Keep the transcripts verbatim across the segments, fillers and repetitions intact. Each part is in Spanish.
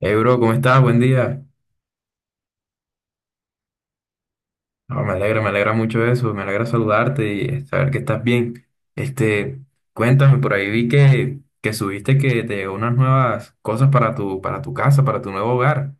Hey bro, ¿cómo estás? Buen día. No, me alegra, me alegra mucho eso, me alegra saludarte y saber que estás bien. Este, cuéntame, por ahí vi que, que subiste que te llegó unas nuevas cosas para tu, para tu casa, para tu nuevo hogar.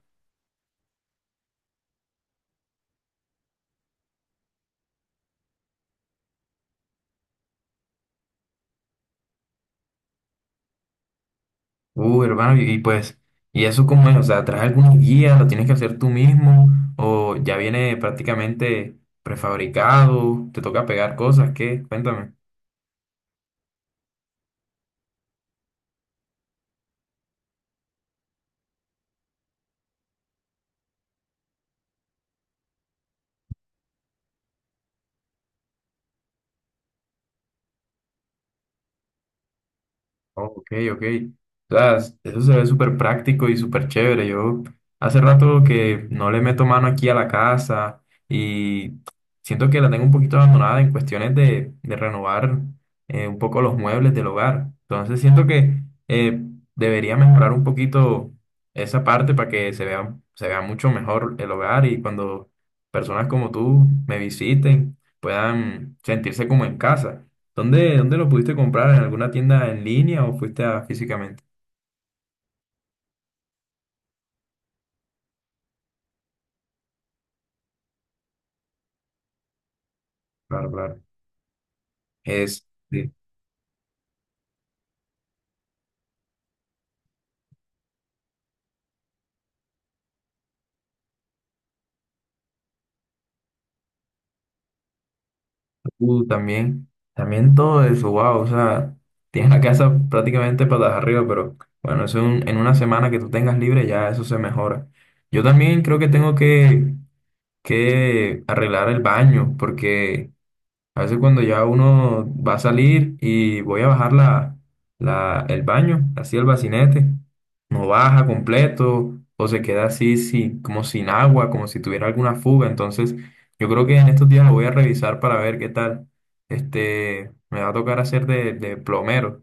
Uh, hermano, y, y pues, ¿y eso cómo es? O sea, ¿traes alguna guía? ¿Lo tienes que hacer tú mismo? ¿O ya viene prácticamente prefabricado? ¿Te toca pegar cosas? ¿Qué? Cuéntame. Ok, ok. O sea, es- eso se ve súper práctico y súper chévere. Yo hace rato que no le meto mano aquí a la casa y siento que la tengo un poquito abandonada en cuestiones de, de renovar eh, un poco los muebles del hogar. Entonces siento que eh, debería mejorar un poquito esa parte para que se vea, se vea mucho mejor el hogar y cuando personas como tú me visiten puedan sentirse como en casa. ¿Dónde, dónde lo pudiste comprar? ¿En alguna tienda en línea o fuiste a físicamente? Claro, claro. Es, sí. Uh, también, también todo eso, wow, o sea, tienes la casa prácticamente patas arriba, pero bueno, eso en, en una semana que tú tengas libre ya eso se mejora. Yo también creo que tengo que, que arreglar el baño, porque a veces cuando ya uno va a salir y voy a bajar la, la- el baño, así el bacinete, no baja completo o se queda así, sí, como sin agua, como si tuviera alguna fuga. Entonces, yo creo que en estos días lo voy a revisar para ver qué tal. Este, me va a tocar hacer de, de plomero.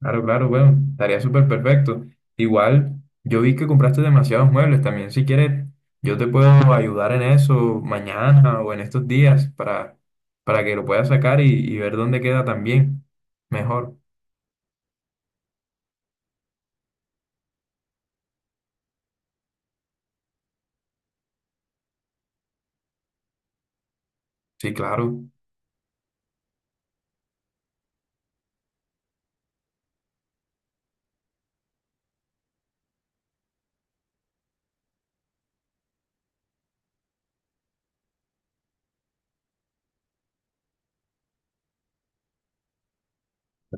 Claro, claro, bueno, estaría súper perfecto. Igual, yo vi que compraste demasiados muebles también. Si quieres, yo te puedo ayudar en eso mañana o en estos días para, para que lo puedas sacar y, y ver dónde queda también. Mejor. Sí, claro.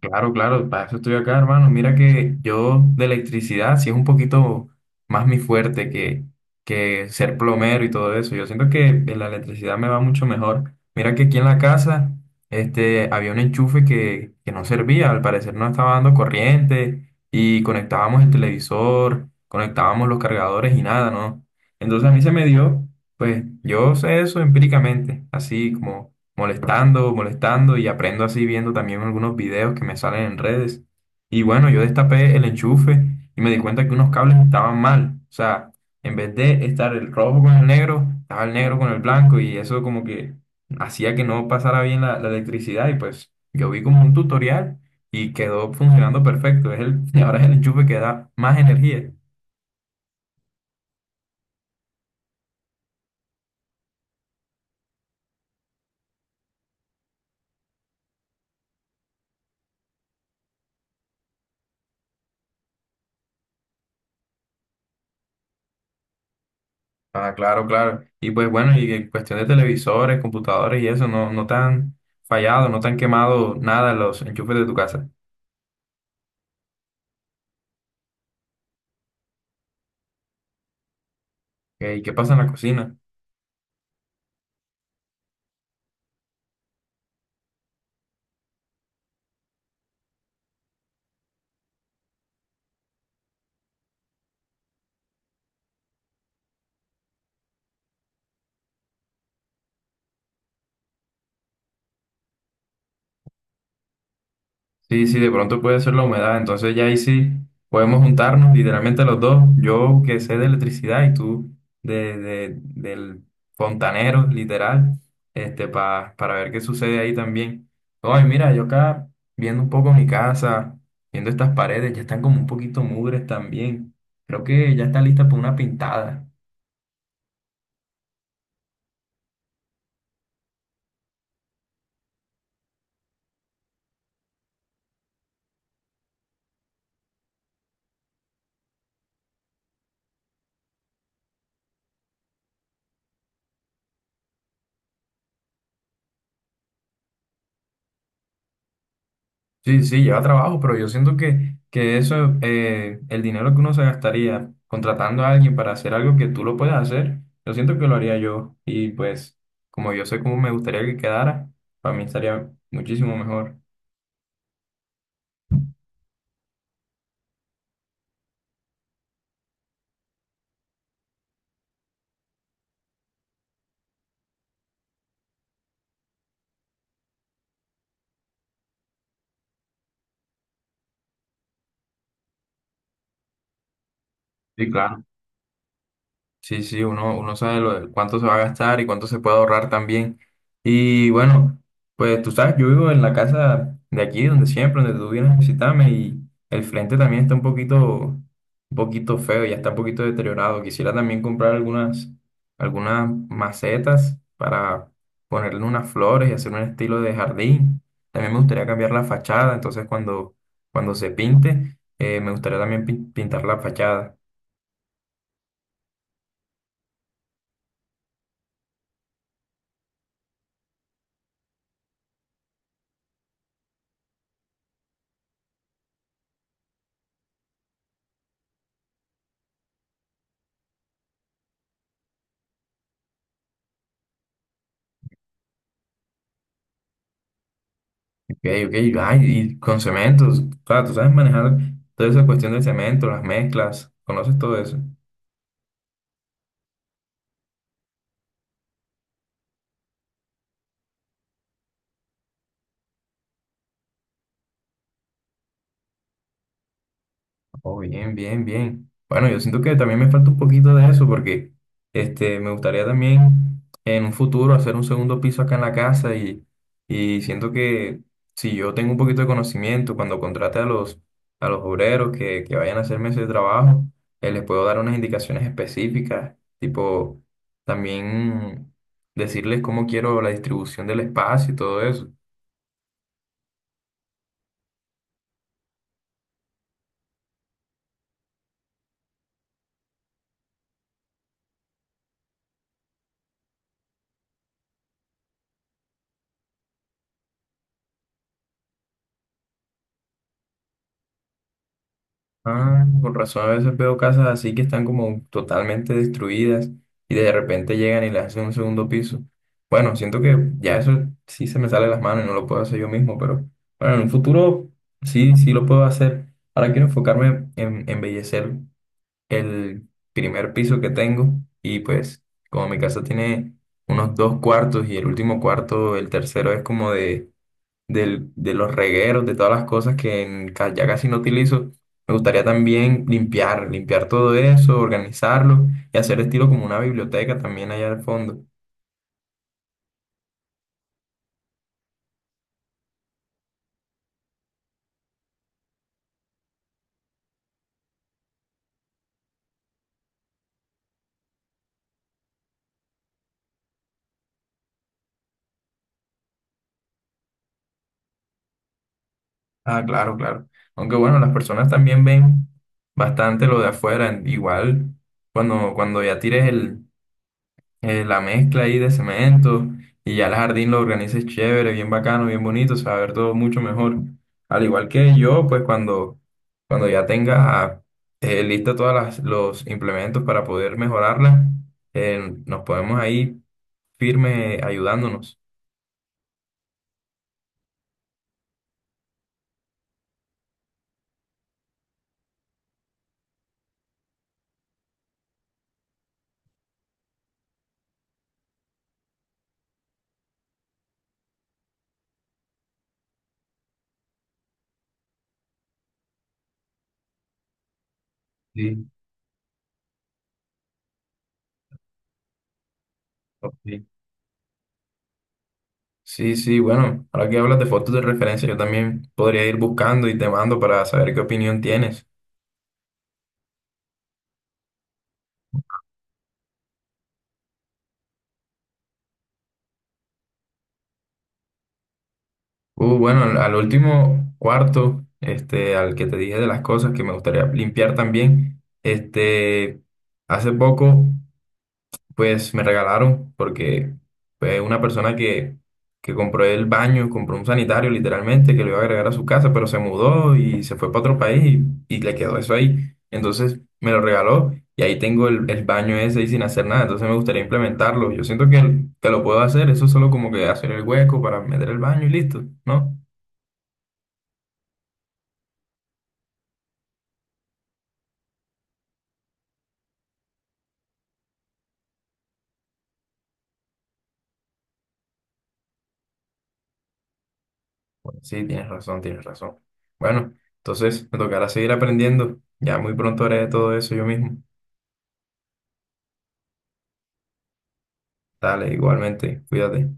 Claro, claro, para eso estoy acá, hermano. Mira que yo de electricidad sí es un poquito más mi fuerte que, que ser plomero y todo eso. Yo siento que en la electricidad me va mucho mejor. Mira que aquí en la casa este, había un enchufe que, que no servía, al parecer no estaba dando corriente y conectábamos el televisor, conectábamos los cargadores y nada, ¿no? Entonces a mí se me dio, pues yo sé eso empíricamente, así como molestando, molestando y aprendo así viendo también algunos videos que me salen en redes. Y bueno, yo destapé el enchufe y me di cuenta que unos cables estaban mal. O sea, en vez de estar el rojo con el negro, estaba el negro con el blanco y eso como que hacía que no pasara bien la, la electricidad y pues yo vi como un tutorial y quedó funcionando perfecto. Es el, ahora es el enchufe que da más energía. Ah, claro, claro. Y pues bueno, y en cuestión de televisores, computadores y eso, no, no te han fallado, no te han quemado nada los enchufes de tu casa. Ok, ¿y qué pasa en la cocina? Sí, sí, de pronto puede ser la humedad, entonces ya ahí sí podemos juntarnos literalmente los dos, yo que sé de electricidad y tú de, de- del fontanero, literal, este, pa- para ver qué sucede ahí también. Ay, mira, yo acá viendo un poco mi casa, viendo estas paredes, ya están como un poquito mugres también. Creo que ya está lista para una pintada. Sí, sí, lleva trabajo, pero yo siento que, que eso, eh, el dinero que uno se gastaría contratando a alguien para hacer algo que tú lo puedes hacer, yo siento que lo haría yo. Y pues, como yo sé cómo me gustaría que quedara, para mí estaría muchísimo mejor. Sí, claro. Sí, sí, uno, uno sabe lo de cuánto se va a gastar y cuánto se puede ahorrar también. Y bueno, pues tú sabes, yo vivo en la casa de aquí, donde siempre, donde tú vienes a visitarme y el frente también está un poquito, un poquito feo, ya está un poquito deteriorado. Quisiera también comprar algunas, algunas macetas para ponerle unas flores y hacer un estilo de jardín. También me gustaría cambiar la fachada, entonces cuando, cuando se pinte, eh, me gustaría también pin- pintar la fachada. Ok, ok, ay, y con cementos, claro, tú sabes manejar toda esa cuestión del cemento, las mezclas, conoces todo eso. Oh, bien, bien, bien. Bueno, yo siento que también me falta un poquito de eso porque este, me gustaría también en un futuro hacer un segundo piso acá en la casa y, y siento que si yo tengo un poquito de conocimiento, cuando contrate a los, a los obreros que, que vayan a hacerme ese trabajo, eh, les puedo dar unas indicaciones específicas, tipo también decirles cómo quiero la distribución del espacio y todo eso. Ah, con razón, a veces veo casas así que están como totalmente destruidas y de repente llegan y le hacen un segundo piso. Bueno, siento que ya eso sí se me sale de las manos y no lo puedo hacer yo mismo, pero bueno, en un futuro sí, sí lo puedo hacer. Ahora quiero enfocarme en embellecer el primer piso que tengo y pues como mi casa tiene unos dos cuartos y el último cuarto, el tercero es como del- de los regueros, de todas las cosas que en ca- ya casi no utilizo. Me gustaría también limpiar, limpiar todo eso, organizarlo y hacer estilo como una biblioteca también allá al fondo. Ah, claro, claro. Aunque bueno, las personas también ven bastante lo de afuera. Igual, cuando, cuando ya tires el eh, la mezcla ahí de cemento y ya el jardín lo organices chévere, bien bacano, bien bonito, se va a ver todo mucho mejor. Al igual que yo, pues cuando, cuando ya tenga eh, lista todas las- los implementos para poder mejorarla, eh, nos podemos ahí firme ayudándonos. Sí, ok. Sí, sí, bueno, ahora que hablas de fotos de referencia, yo también podría ir buscando y te mando para saber qué opinión tienes. Uh, bueno, al al último cuarto, este, al que te dije de las cosas que me gustaría limpiar también, este, hace poco, pues me regalaron, porque pues, una persona que, que compró el baño, compró un sanitario literalmente, que lo iba a agregar a su casa, pero se mudó y se fue para otro país y, y le quedó eso ahí. Entonces me lo regaló y ahí tengo el, el baño ese ahí sin hacer nada, entonces me gustaría implementarlo. Yo siento que, que lo puedo hacer, eso es solo como que hacer el hueco para meter el baño y listo, ¿no? Bueno, sí, tienes razón, tienes razón. Bueno, entonces me tocará seguir aprendiendo. Ya muy pronto haré todo eso yo mismo. Dale, igualmente, cuídate.